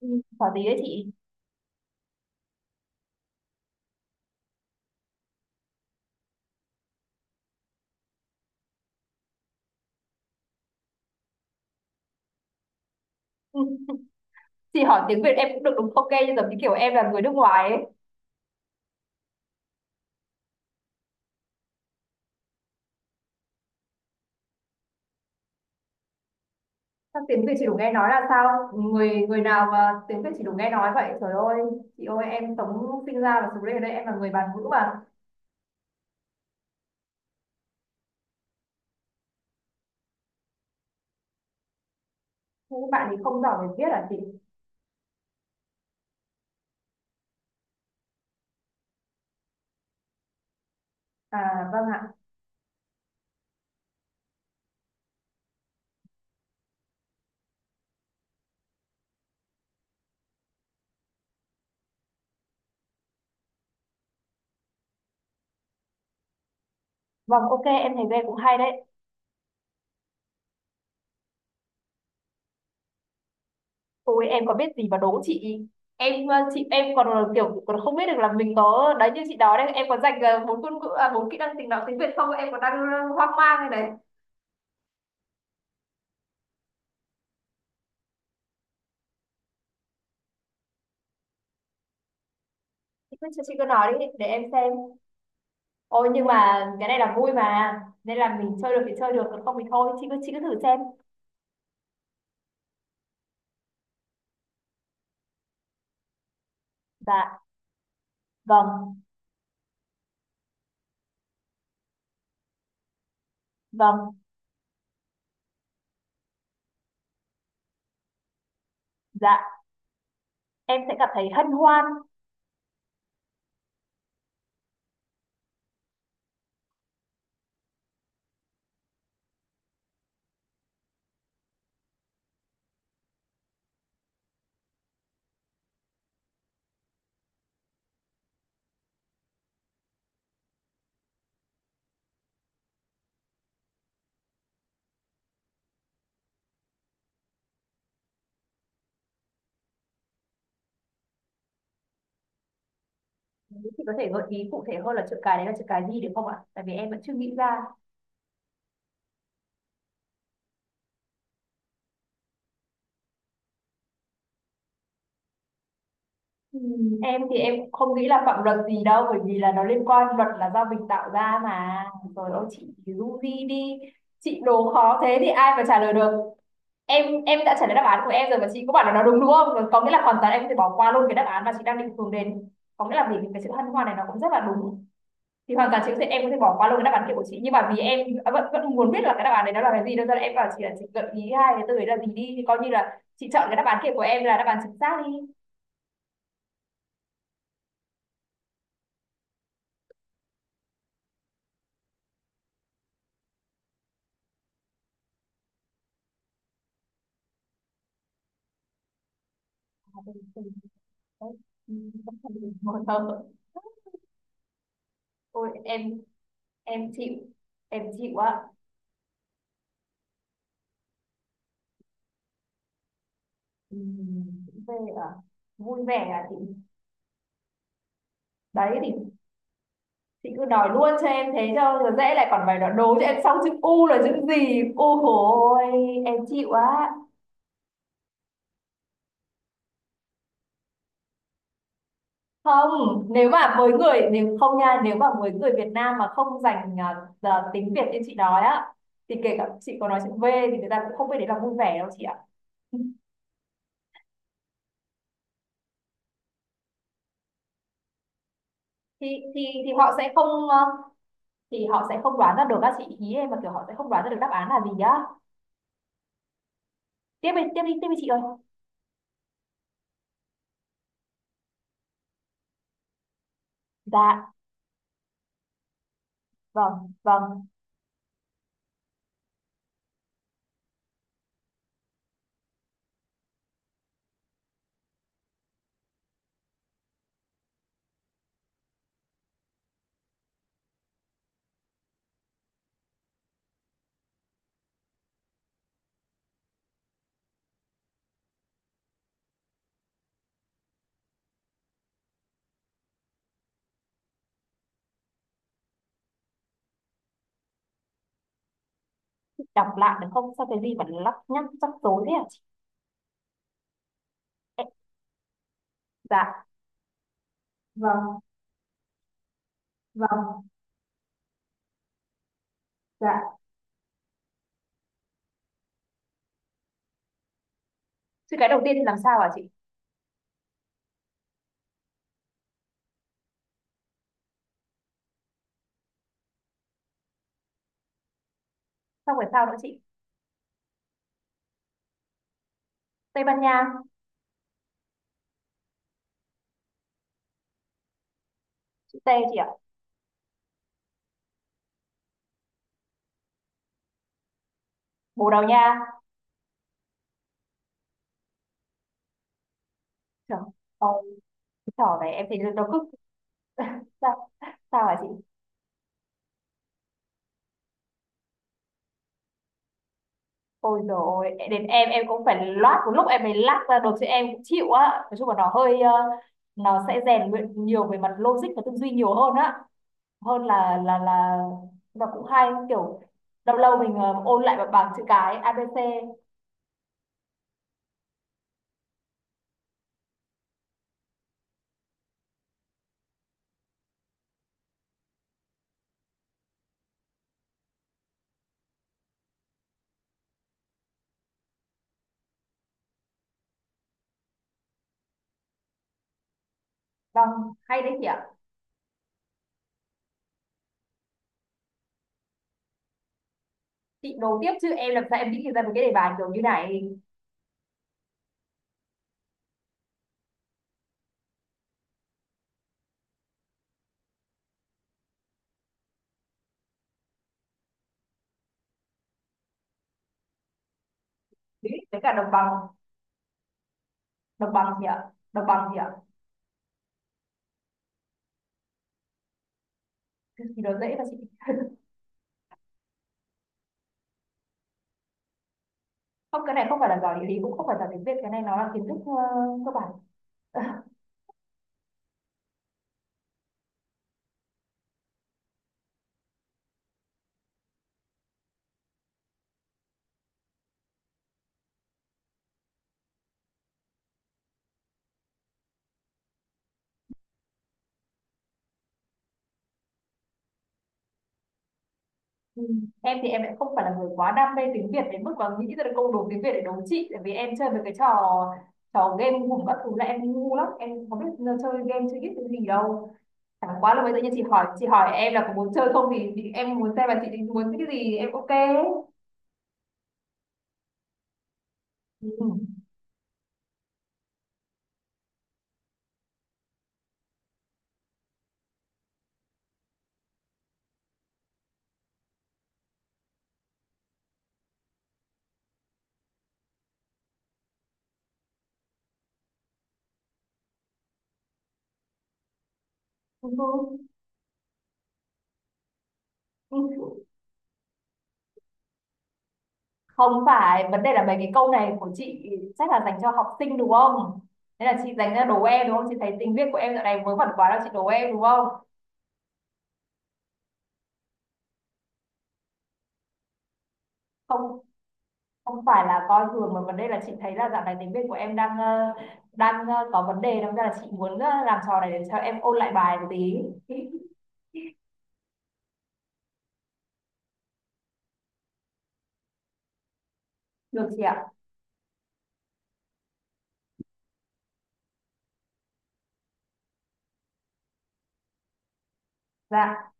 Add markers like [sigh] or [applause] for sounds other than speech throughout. Ừ, Hỏi gì đấy chị. [laughs] Chị hỏi tiếng Việt em cũng được, đúng ok, nhưng giống như kiểu em là người nước ngoài ấy. Sao tiếng Việt chỉ đủ nghe nói là sao? Người người nào mà tiếng Việt chỉ đủ nghe nói vậy trời ơi. Chị ơi, em sống, sinh ra và sống lên ở đây, em là người bản ngữ mà. Thế các bạn thì không giỏi về viết à chị? À vâng ạ. Vâng ok, em thấy nghe cũng hay đấy. Ôi em có biết gì mà đố chị. Em chị em còn là kiểu còn không biết được là mình có đấy, như chị nói đấy, em có dành bốn ngôn ngữ, à, bốn kỹ năng tình nói tiếng Việt không, em còn đang hoang mang này. Chị cứ nói đi để em xem. Ôi nhưng mà cái này là vui mà, nên là mình chơi được thì chơi được, còn không thì thôi. Chị cứ thử xem. Dạ vâng, vâng dạ. Em sẽ cảm thấy hân hoan. Nếu chị có thể gợi ý cụ thể hơn là chữ cái đấy là chữ cái gì được không ạ? Tại vì em vẫn chưa nghĩ ra. Em thì em cũng không nghĩ là phạm luật gì đâu, bởi vì là nó liên quan, luật là do mình tạo ra mà. Rồi ôi chị du di đi. Chị đố khó thế thì ai mà trả lời được. Em đã trả lời đáp án của em rồi mà chị có bảo là nó đúng, đúng không có nghĩa là hoàn toàn em có thể bỏ qua luôn cái đáp án mà chị đang định hướng đến, có nghĩa là vì cái sự hân hoan này nó cũng rất là đúng, thì hoàn toàn chị có thể, em có thể bỏ qua luôn cái đáp án kia của chị, nhưng mà vì em vẫn vẫn muốn biết là cái đáp án đấy nó là cái gì, nên là em bảo chị là chị gợi ý hai cái từ đấy là gì đi, thì coi như là chị chọn cái đáp án kia của em là đáp án chính xác đi. À, từ- ừ, vẫn còn bị mờ mờ. Ôi em chịu, em chịu á. Ừ, về à, vui vẻ à chị? Đấy thì chị cứ nói luôn cho em thế cho rồi, dễ lại còn phải nói đố cho em. Xong chữ u là chữ gì, u ôi, em chịu á. Không, nếu mà với người, nếu không nha, nếu mà với người Việt Nam mà không dành giờ tiếng Việt như chị nói á, thì kể cả chị có nói chữ V thì người ta cũng không biết đấy là vui vẻ đâu chị ạ. Thì thì thì họ sẽ không thì họ sẽ không đoán ra được các chị ý em, mà kiểu họ sẽ không đoán ra được đáp án là gì á. Tiếp đi chị ơi. Dạ vâng, vâng. Đọc lại được không, sao cái gì mà lắc nhắc rắc rối thế hả chị? Dạ vâng, vâng dạ. Chữ cái đầu tiên thì làm sao hả chị? Xong rồi sao nữa chị? Tây Ban Nha. Chữ T chị ạ. Bồ Đào Nha. Trời ôi, cái trò này em thấy nó cứ. Sao, sao hả chị? Ôi dồi ôi, đến em cũng phải loát một lúc em mới lát ra được chứ, em cũng chịu á. Nói chung là nó hơi nó sẽ rèn luyện nhiều về mặt logic và tư duy nhiều hơn á, hơn là là và cũng hay kiểu lâu lâu mình ôn lại một bảng chữ cái ABC. Vâng, hay đấy chị ạ. Chị đố tiếp chứ em làm sao em nghĩ được ra một cái đề bài kiểu như này. Đấy với cả đồng bằng. Đồng bằng gì ạ? Đồng bằng gì ạ? Thì gì đó dễ mà chị. Không, cái này không phải là giỏi địa lý, cũng không phải giỏi tiếng Việt, cái này nó là kiến thức cơ bản. [laughs] Ừ. Em thì em lại không phải là người quá đam mê tiếng Việt đến mức mà nghĩ ra được câu đố tiếng Việt để đố chị, tại vì em chơi mấy cái trò trò game hùng các thứ là em ngu lắm, em không biết chơi game, chơi biết cái gì đâu. Chẳng quá là bây giờ như chị hỏi, chị hỏi em là có muốn chơi không, thì em muốn xem là chị định muốn cái gì, em ok. Ừ. Ừ. Ừ. Không, phải vấn đề là mấy cái câu này của chị chắc là dành cho học sinh đúng không, thế là chị dành ra đố em đúng không, chị thấy tiếng Việt của em dạo này vớ vẩn quá đâu, chị đố em đúng không. Không, không phải là coi thường, mà vấn đề là chị thấy là dạo này tiếng Việt của em đang đang có vấn đề, đâm ra là chị muốn làm trò này để cho em ôn lại bài một tí. [laughs] Được chị ạ. Dạ.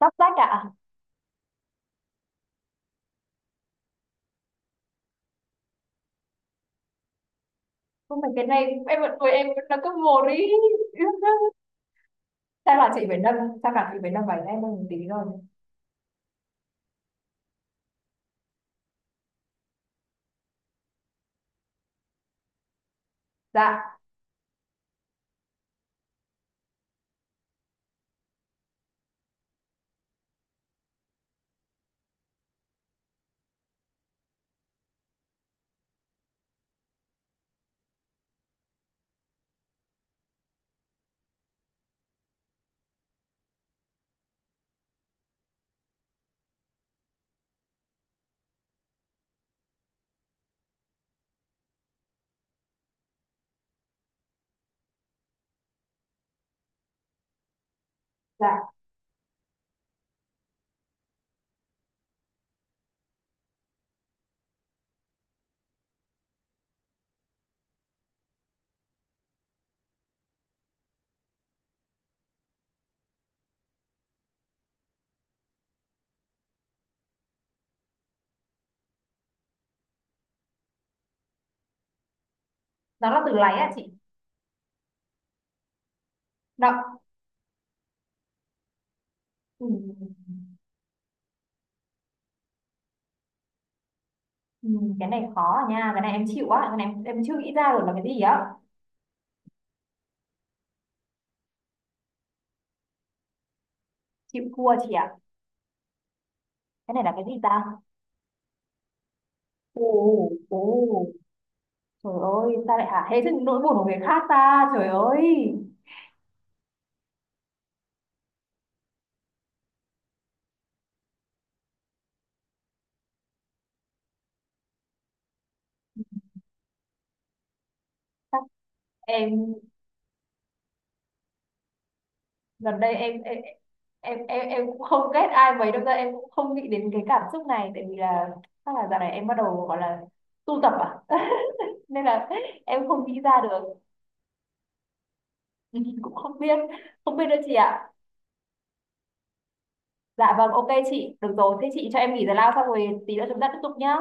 Sắp sách ạ. Không phải, cái này em vẫn tuổi, em vẫn là cấp một đi. [laughs] chắc là chị phải nâng chắc là chị phải nâng bài em lên một tí rồi. Dạ. Dạ. Nó là từ láy ạ chị. Đọc. Ừ. Ừ, cái này khó à nha, cái này em chịu á, cái này em chưa nghĩ ra được là cái gì á. Chịu thua chị ạ. Cái này là cái gì ta? Ồ. Ồ. Trời ơi, sao lại hả hê trên nỗi buồn của người khác ta, trời ơi. Em gần đây em em em em cũng không ghét ai mấy đâu ra, em cũng không nghĩ đến cái cảm xúc này, tại vì là chắc là dạo này em bắt đầu gọi là tu tập, à. [laughs] Nên là em không nghĩ ra được. Ừ, cũng không biết. Không biết nữa chị ạ. Dạ vâng ok chị, được rồi thế chị cho em nghỉ giải lao xong rồi tí nữa chúng ta tiếp tục nhá.